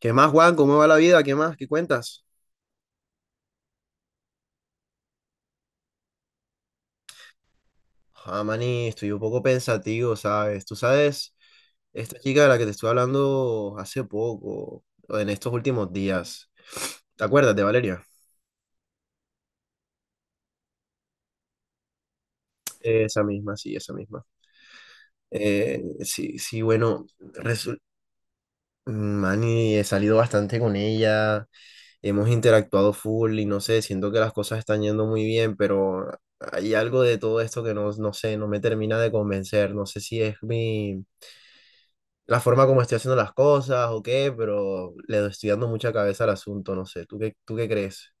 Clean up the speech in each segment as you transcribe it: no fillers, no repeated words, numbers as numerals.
¿Qué más, Juan? ¿Cómo va la vida? ¿Qué más? ¿Qué cuentas? Ah, maní, estoy un poco pensativo, ¿sabes? Tú sabes, esta chica de la que te estoy hablando hace poco, o en estos últimos días, ¿te acuerdas de Valeria? Esa misma, sí, esa misma. Sí, sí, bueno, mani, he salido bastante con ella, hemos interactuado full y no sé, siento que las cosas están yendo muy bien, pero hay algo de todo esto que no, no sé, no me termina de convencer, no sé si es la forma como estoy haciendo las cosas o qué, pero estoy dando mucha cabeza al asunto, no sé, tú qué crees?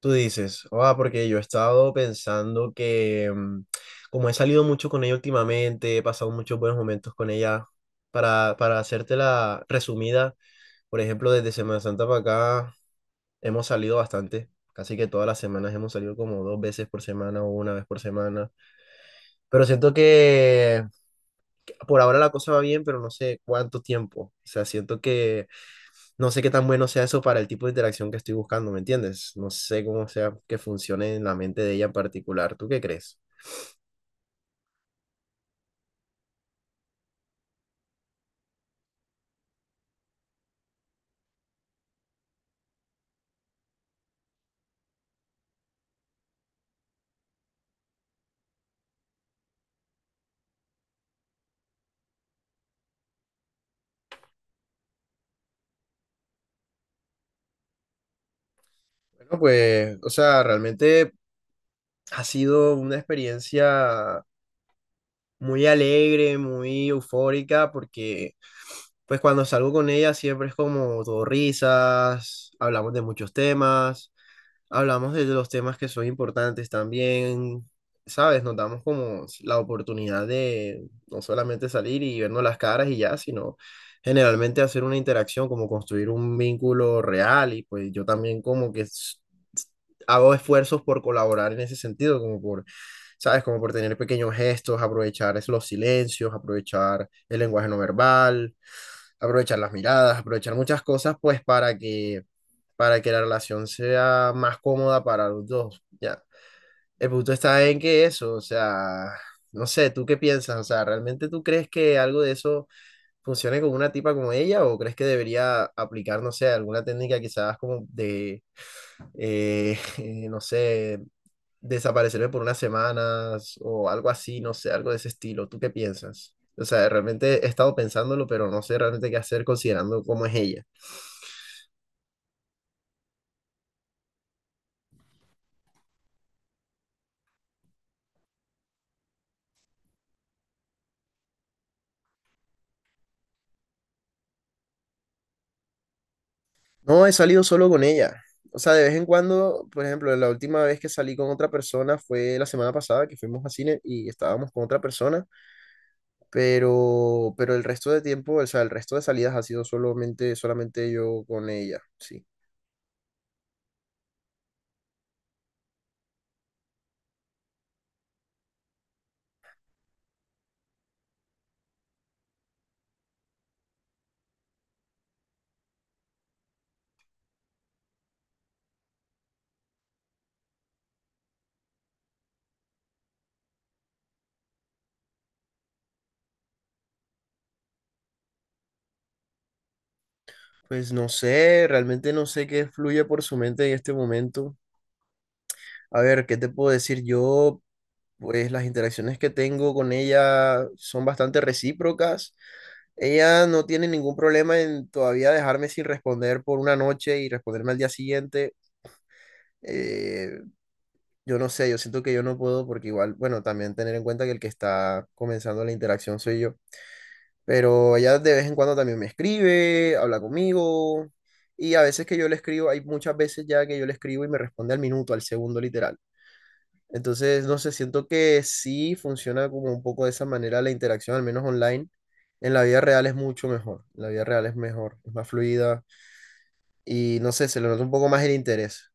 Tú dices, ah, porque yo he estado pensando que como he salido mucho con ella últimamente, he pasado muchos buenos momentos con ella, para hacerte la resumida, por ejemplo, desde Semana Santa para acá hemos salido bastante. Casi que todas las semanas hemos salido como dos veces por semana o una vez por semana. Pero siento que por ahora la cosa va bien, pero no sé cuánto tiempo. O sea, siento que no sé qué tan bueno sea eso para el tipo de interacción que estoy buscando, ¿me entiendes? No sé cómo sea que funcione en la mente de ella en particular. ¿Tú qué crees? Bueno, pues, o sea, realmente ha sido una experiencia muy alegre, muy eufórica, porque pues cuando salgo con ella siempre es como todo risas, hablamos de muchos temas, hablamos de los temas que son importantes también, ¿sabes? Nos damos como la oportunidad de no solamente salir y vernos las caras y ya, sino generalmente hacer una interacción, como construir un vínculo real y pues yo también como hago esfuerzos por colaborar en ese sentido, como por, ¿sabes? Como por tener pequeños gestos, aprovechar los silencios, aprovechar el lenguaje no verbal, aprovechar las miradas, aprovechar muchas cosas, pues para que la relación sea más cómoda para los dos, ya. El punto está en que eso, o sea, no sé, ¿tú qué piensas? O sea, ¿realmente tú crees que algo de eso funcione con una tipa como ella o crees que debería aplicar, no sé, alguna técnica quizás como de, eh, no sé, desaparecerme por unas semanas o algo así, no sé, algo de ese estilo. ¿Tú qué piensas? O sea, realmente he estado pensándolo, pero no sé realmente qué hacer considerando cómo es ella. No, he salido solo con ella. O sea, de vez en cuando, por ejemplo, la última vez que salí con otra persona fue la semana pasada que fuimos a cine y estábamos con otra persona, pero el resto de tiempo, o sea, el resto de salidas ha sido solamente yo con ella, sí. Pues no sé, realmente no sé qué fluye por su mente en este momento. A ver, ¿qué te puedo decir? Yo, pues las interacciones que tengo con ella son bastante recíprocas. Ella no tiene ningún problema en todavía dejarme sin responder por una noche y responderme al día siguiente. Eh, yo no sé, yo siento que yo no puedo porque igual, bueno, también tener en cuenta que el que está comenzando la interacción soy yo. Pero ella de vez en cuando también me escribe, habla conmigo. Y a veces que yo le escribo, hay muchas veces ya que yo le escribo y me responde al minuto, al segundo literal. Entonces, no sé, siento que sí funciona como un poco de esa manera la interacción, al menos online. En la vida real es mucho mejor. En la vida real es mejor, es más fluida y no sé, se le nota un poco más el interés.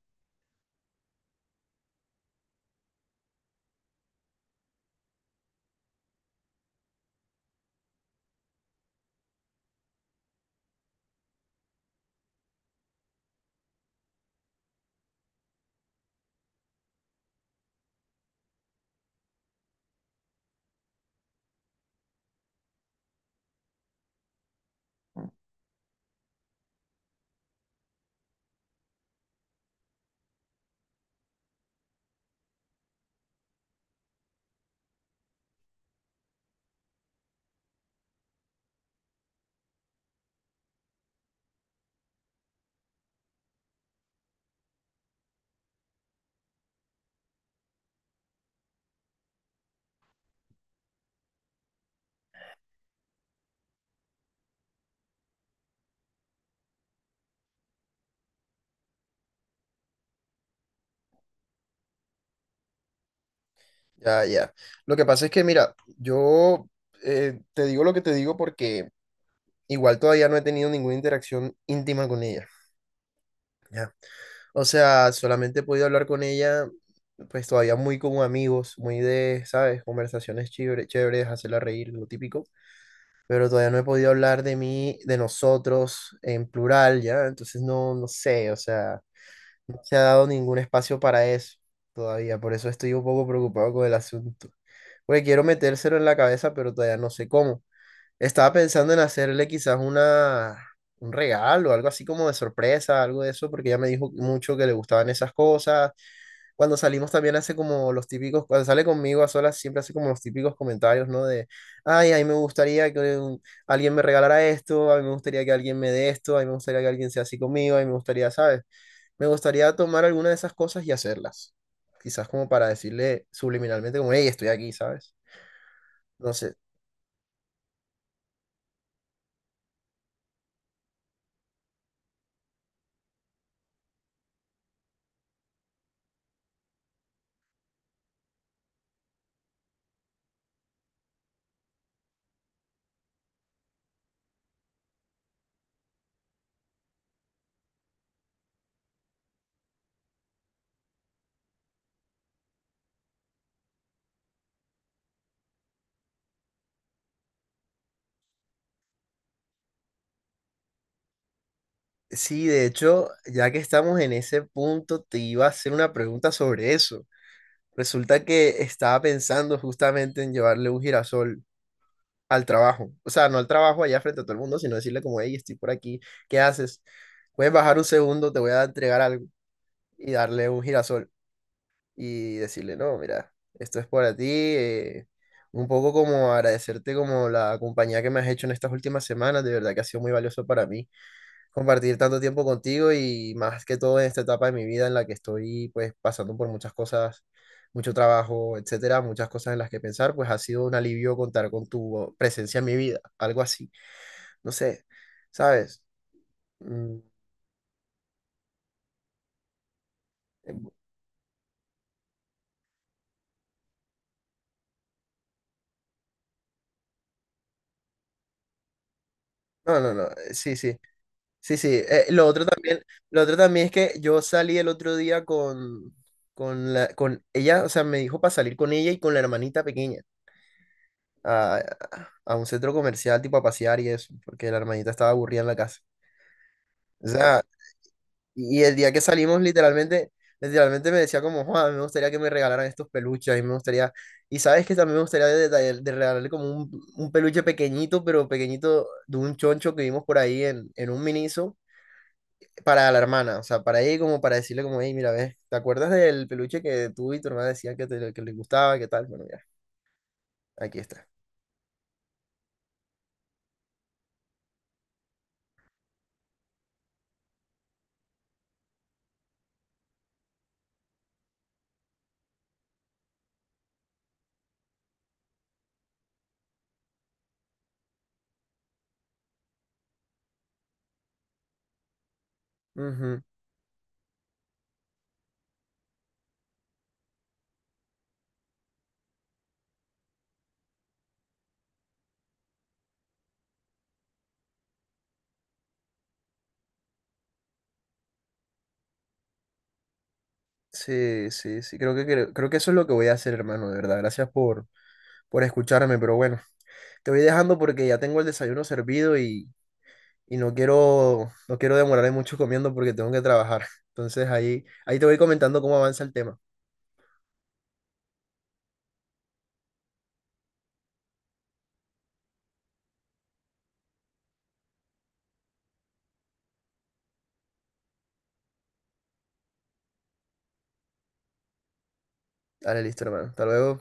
Ya, ya. Lo que pasa es que, mira, yo te digo lo que te digo porque igual todavía no he tenido ninguna interacción íntima con ella. Ya. O sea, solamente he podido hablar con ella, pues todavía muy como amigos, muy de, ¿sabes? Conversaciones chéveres, hacerla reír, lo típico. Pero todavía no he podido hablar de mí, de nosotros en plural, ¿ya? Entonces no sé, o sea, no se ha dado ningún espacio para eso todavía, por eso estoy un poco preocupado con el asunto. Porque quiero metérselo en la cabeza, pero todavía no sé cómo. Estaba pensando en hacerle quizás un regalo, algo así como de sorpresa, algo de eso, porque ella me dijo mucho que le gustaban esas cosas cuando salimos también hace como los típicos, cuando sale conmigo a solas siempre hace como los típicos comentarios, ¿no? De, ay, a mí me gustaría que alguien me regalara esto, a mí me gustaría que alguien me dé esto, a mí me gustaría que alguien sea así conmigo, a mí me gustaría, ¿sabes? Me gustaría tomar alguna de esas cosas y hacerlas. Quizás como para decirle subliminalmente como, hey, estoy aquí, ¿sabes? No sé. Sí, de hecho, ya que estamos en ese punto, te iba a hacer una pregunta sobre eso. Resulta que estaba pensando justamente en llevarle un girasol al trabajo. O sea, no al trabajo allá frente a todo el mundo, sino decirle como, hey, estoy por aquí, ¿qué haces? Puedes bajar un segundo, te voy a entregar algo y darle un girasol y decirle, no, mira, esto es para ti. Un poco como agradecerte como la compañía que me has hecho en estas últimas semanas, de verdad que ha sido muy valioso para mí compartir tanto tiempo contigo y más que todo en esta etapa de mi vida en la que estoy pues pasando por muchas cosas, mucho trabajo, etcétera, muchas cosas en las que pensar, pues ha sido un alivio contar con tu presencia en mi vida, algo así, no sé, ¿sabes? Mm, No, no, no, sí, sí, sí, sí. Lo otro también, lo otro también es que yo salí el otro día con, con ella, o sea, me dijo para salir con ella y con la hermanita pequeña, a, a un centro comercial tipo a pasear y eso, porque la hermanita estaba aburrida en la casa. O sea, y el día que salimos literalmente, literalmente me decía como, Juan, me gustaría que me regalaran estos peluches, a mí me gustaría, y sabes que también me gustaría de regalarle como un peluche pequeñito, pero pequeñito de un choncho que vimos por ahí en un Miniso. Para la hermana, o sea, para ella como para decirle como, hey, mira, ves, ¿te acuerdas del peluche que tú y tu hermana decían que les gustaba, qué tal? Bueno, ya, aquí está. Ujú. Sí, sí, sí, creo, creo que eso es lo que voy a hacer, hermano, de verdad. Gracias por escucharme, pero bueno, te voy dejando porque ya tengo el desayuno servido y no quiero, no quiero demorarme mucho comiendo porque tengo que trabajar. Entonces ahí, ahí te voy comentando cómo avanza el tema. Dale, listo, hermano. Hasta luego.